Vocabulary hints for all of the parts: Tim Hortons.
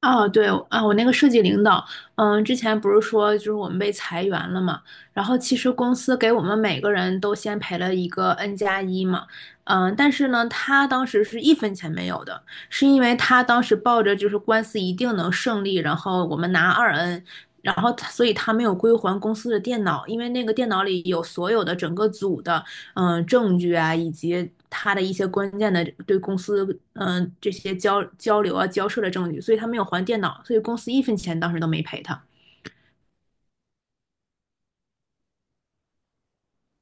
哦，对，啊，我那个设计领导，之前不是说就是我们被裁员了嘛，然后其实公司给我们每个人都先赔了一个 N 加一嘛，但是呢，他当时是一分钱没有的，是因为他当时抱着就是官司一定能胜利，然后我们拿二 N，然后所以他没有归还公司的电脑，因为那个电脑里有所有的整个组的证据啊，以及他的一些关键的对公司这些交流啊交涉的证据，所以他没有还电脑，所以公司一分钱当时都没赔他。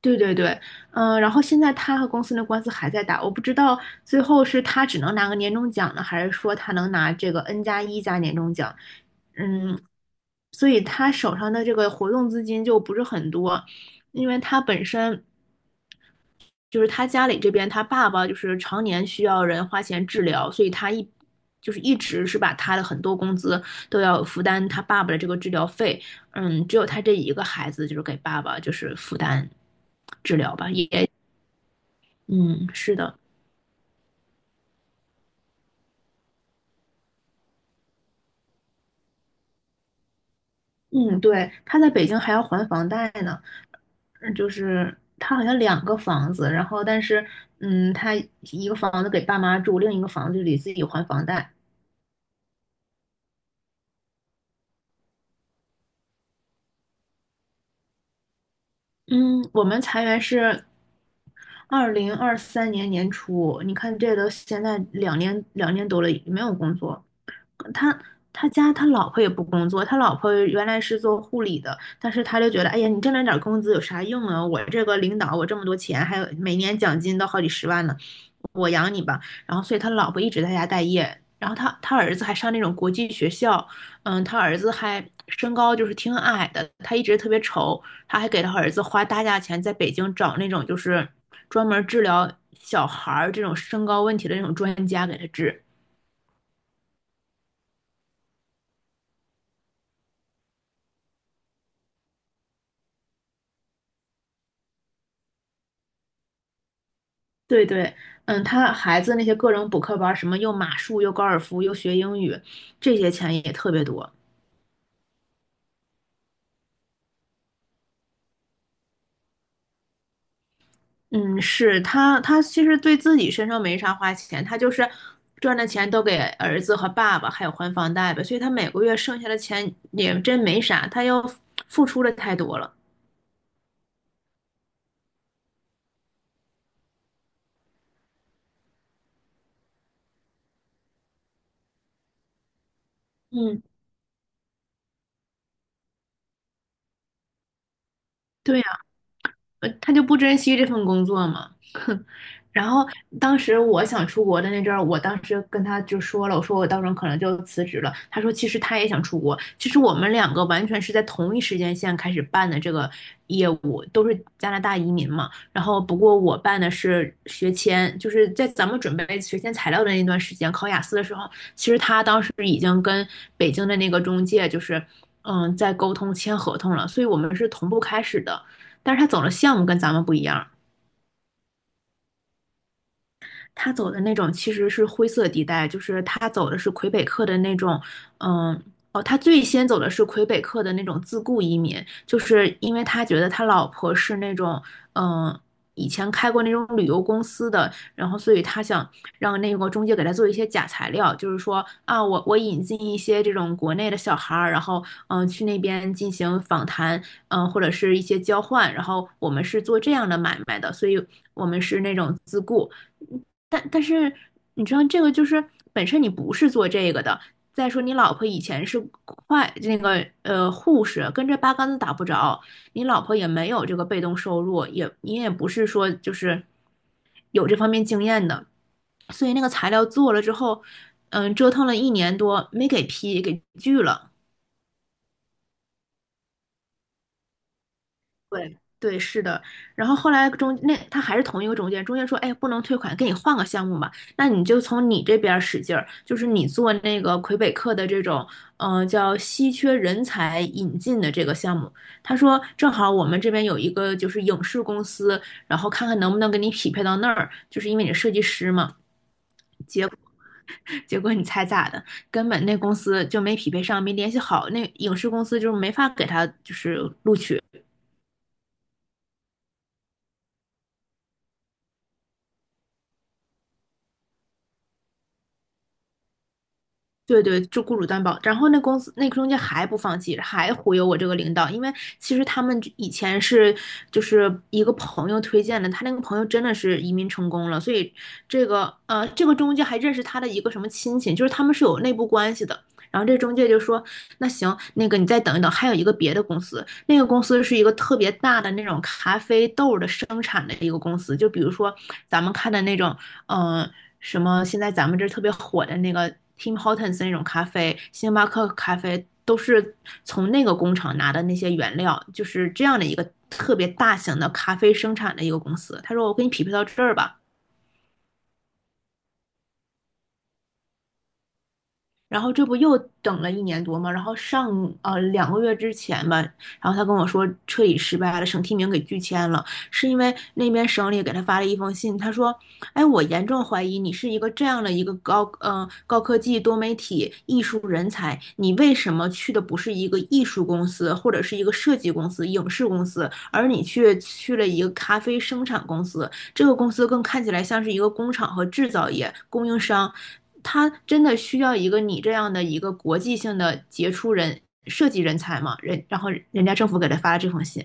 对对对，然后现在他和公司的官司还在打，我不知道最后是他只能拿个年终奖呢，还是说他能拿这个 N 加一加年终奖？嗯，所以他手上的这个活动资金就不是很多，因为他本身就是他家里这边，他爸爸就是常年需要人花钱治疗，所以他就是一直是把他的很多工资都要负担他爸爸的这个治疗费。只有他这一个孩子就是给爸爸就是负担治疗吧，也嗯是的，嗯对，他在北京还要还房贷呢，就是他好像两个房子，然后但是他一个房子给爸妈住，另一个房子里自己还房贷。嗯，我们裁员是2023年年初，你看这都现在两年多了，没有工作。他他家他老婆也不工作，他老婆原来是做护理的，但是他就觉得，哎呀，你挣那点儿工资有啥用啊？我这个领导，我这么多钱，还有每年奖金都好几十万呢。我养你吧。然后所以他老婆一直在家待业，然后他儿子还上那种国际学校，他儿子还身高就是挺矮的，他一直特别丑，他还给他儿子花大价钱在北京找那种就是专门治疗小孩儿这种身高问题的那种专家给他治。对对，他孩子那些各种补课班儿什么又马术又高尔夫又学英语，这些钱也特别多。嗯，是他，他其实对自己身上没啥花钱，他就是赚的钱都给儿子和爸爸，还有还房贷吧，所以他每个月剩下的钱也真没啥，他又付出了太多了。嗯，对呀，他就不珍惜这份工作嘛。然后当时我想出国的那阵儿，我当时跟他就说了，我说我到时候可能就辞职了。他说其实他也想出国，其实我们两个完全是在同一时间线开始办的这个业务，都是加拿大移民嘛。然后不过我办的是学签，就是在咱们准备学签材料的那段时间，考雅思的时候，其实他当时已经跟北京的那个中介就是在沟通签合同了，所以我们是同步开始的。但是他走的项目跟咱们不一样，他走的那种其实是灰色地带，就是他走的是魁北克的那种，嗯，哦，他最先走的是魁北克的那种自雇移民，就是因为他觉得他老婆是那种，嗯，以前开过那种旅游公司的，然后所以他想让那个中介给他做一些假材料，就是说啊，我引进一些这种国内的小孩儿，然后去那边进行访谈，或者是一些交换，然后我们是做这样的买卖的，所以我们是那种自雇。但是你知道这个就是本身你不是做这个的。再说你老婆以前是快那个护士，跟这八竿子打不着，你老婆也没有这个被动收入，也你也不是说就是有这方面经验的，所以那个材料做了之后，折腾了一年多没给批，给拒了。对对，是的。然后后来他还是同一个中介，中介说，哎，不能退款，给你换个项目吧。那你就从你这边儿使劲儿，就是你做那个魁北克的这种，叫稀缺人才引进的这个项目。他说，正好我们这边有一个就是影视公司，然后看看能不能给你匹配到那儿，就是因为你是设计师嘛。结果结果你猜咋的？根本那公司就没匹配上，没联系好，那影视公司就是没法给他就是录取。对对，就雇主担保。然后那公司那个中介还不放弃，还忽悠我这个领导，因为其实他们以前是就是一个朋友推荐的，他那个朋友真的是移民成功了，所以这个这个中介还认识他的一个什么亲戚，就是他们是有内部关系的。然后这中介就说，那行，那个你再等一等，还有一个别的公司，那个公司是一个特别大的那种咖啡豆的生产的一个公司，就比如说咱们看的那种，嗯、什么现在咱们这特别火的那个 Tim Hortons 那种咖啡，星巴克咖啡都是从那个工厂拿的那些原料，就是这样的一个特别大型的咖啡生产的一个公司。他说我给你匹配到这儿吧，然后这不又等了一年多嘛，然后上2个月之前吧，然后他跟我说彻底失败了，省提名给拒签了，是因为那边省里给他发了一封信，他说，哎，我严重怀疑你是一个这样的一个高科技多媒体艺术人才，你为什么去的不是一个艺术公司或者是一个设计公司、影视公司，而你却去了一个咖啡生产公司？这个公司更看起来像是一个工厂和制造业供应商，他真的需要一个你这样的一个国际性的杰出人设计人才吗？然后人家政府给他发了这封信。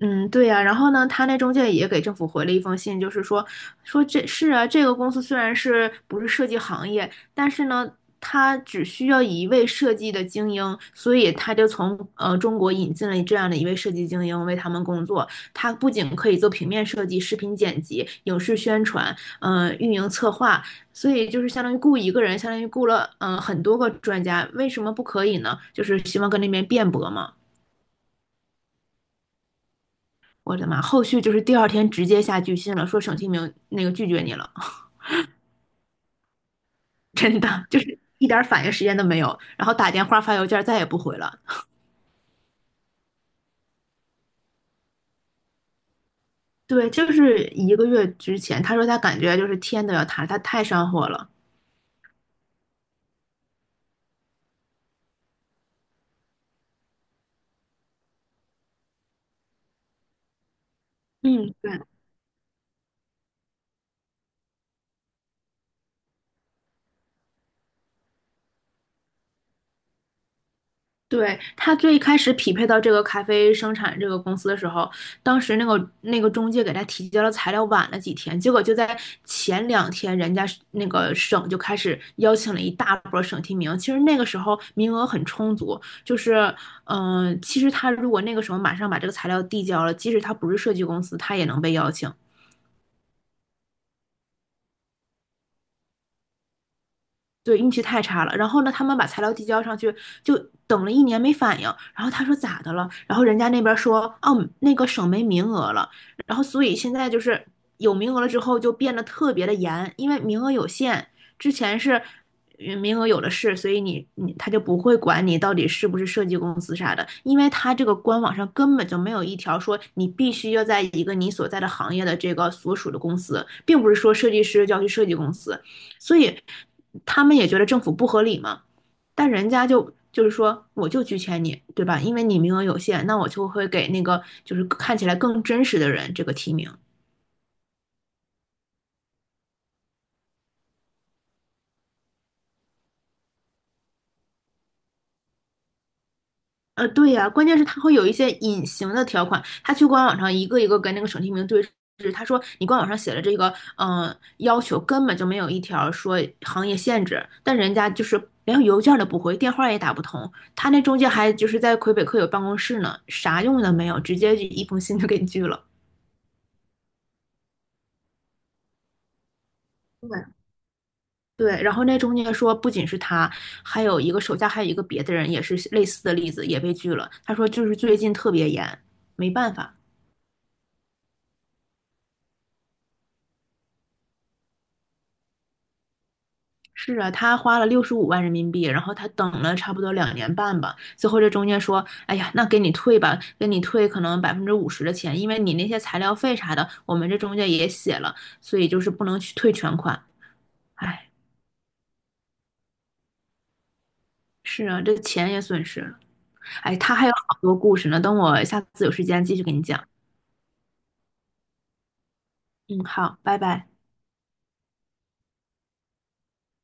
嗯，对呀，然后呢，他那中介也给政府回了一封信，就是说，说这是啊，这个公司虽然是不是设计行业，但是呢，他只需要一位设计的精英，所以他就从中国引进了这样的一位设计精英为他们工作。他不仅可以做平面设计、视频剪辑、影视宣传，运营策划，所以就是相当于雇一个人，相当于雇了很多个专家，为什么不可以呢？就是希望跟那边辩驳嘛。我的妈！后续就是第二天直接下拒信了，说沈清明那个拒绝你了，真的就是一点反应时间都没有，然后打电话发邮件再也不回了。对，就是一个月之前，他说他感觉就是天都要塌了，他太上火了。嗯，对，对，他最开始匹配到这个咖啡生产这个公司的时候，当时那个中介给他提交了材料晚了几天，结果就在前两天，人家是那个省就开始邀请了一大波省提名。其实那个时候名额很充足，就是其实他如果那个时候马上把这个材料递交了，即使他不是设计公司，他也能被邀请。对，运气太差了。然后呢，他们把材料递交上去，就等了一年没反应。然后他说咋的了？然后人家那边说，哦，那个省没名额了。然后所以现在就是有名额了之后就变得特别的严，因为名额有限。之前是名额有的是，所以他就不会管你到底是不是设计公司啥的，因为他这个官网上根本就没有一条说你必须要在一个你所在的行业的这个所属的公司，并不是说设计师就要去设计公司。所以他们也觉得政府不合理嘛，但人家就是说我就拒签你，对吧？因为你名额有限，那我就会给那个就是看起来更真实的人这个提名。对呀，啊关键是他会有一些隐形的条款，他去官网上一个一个跟那个省提名对峙，他说你官网上写了这个，要求根本就没有一条说行业限制，但人家就是连邮件都不回，电话也打不通，他那中介还就是在魁北克有办公室呢，啥用都没有，直接就一封信就给拒了。对对，然后那中介说，不仅是他，还有一个手下还有一个别的人也是类似的例子，也被拒了。他说就是最近特别严，没办法。是啊，他花了65万人民币，然后他等了差不多2年半吧。最后这中介说，哎呀，那给你退吧，给你退可能50%的钱，因为你那些材料费啥的，我们这中介也写了，所以就是不能去退全款。哎，是啊，这钱也损失了。哎，他还有好多故事呢，等我下次有时间继续给你讲。嗯，好，拜拜。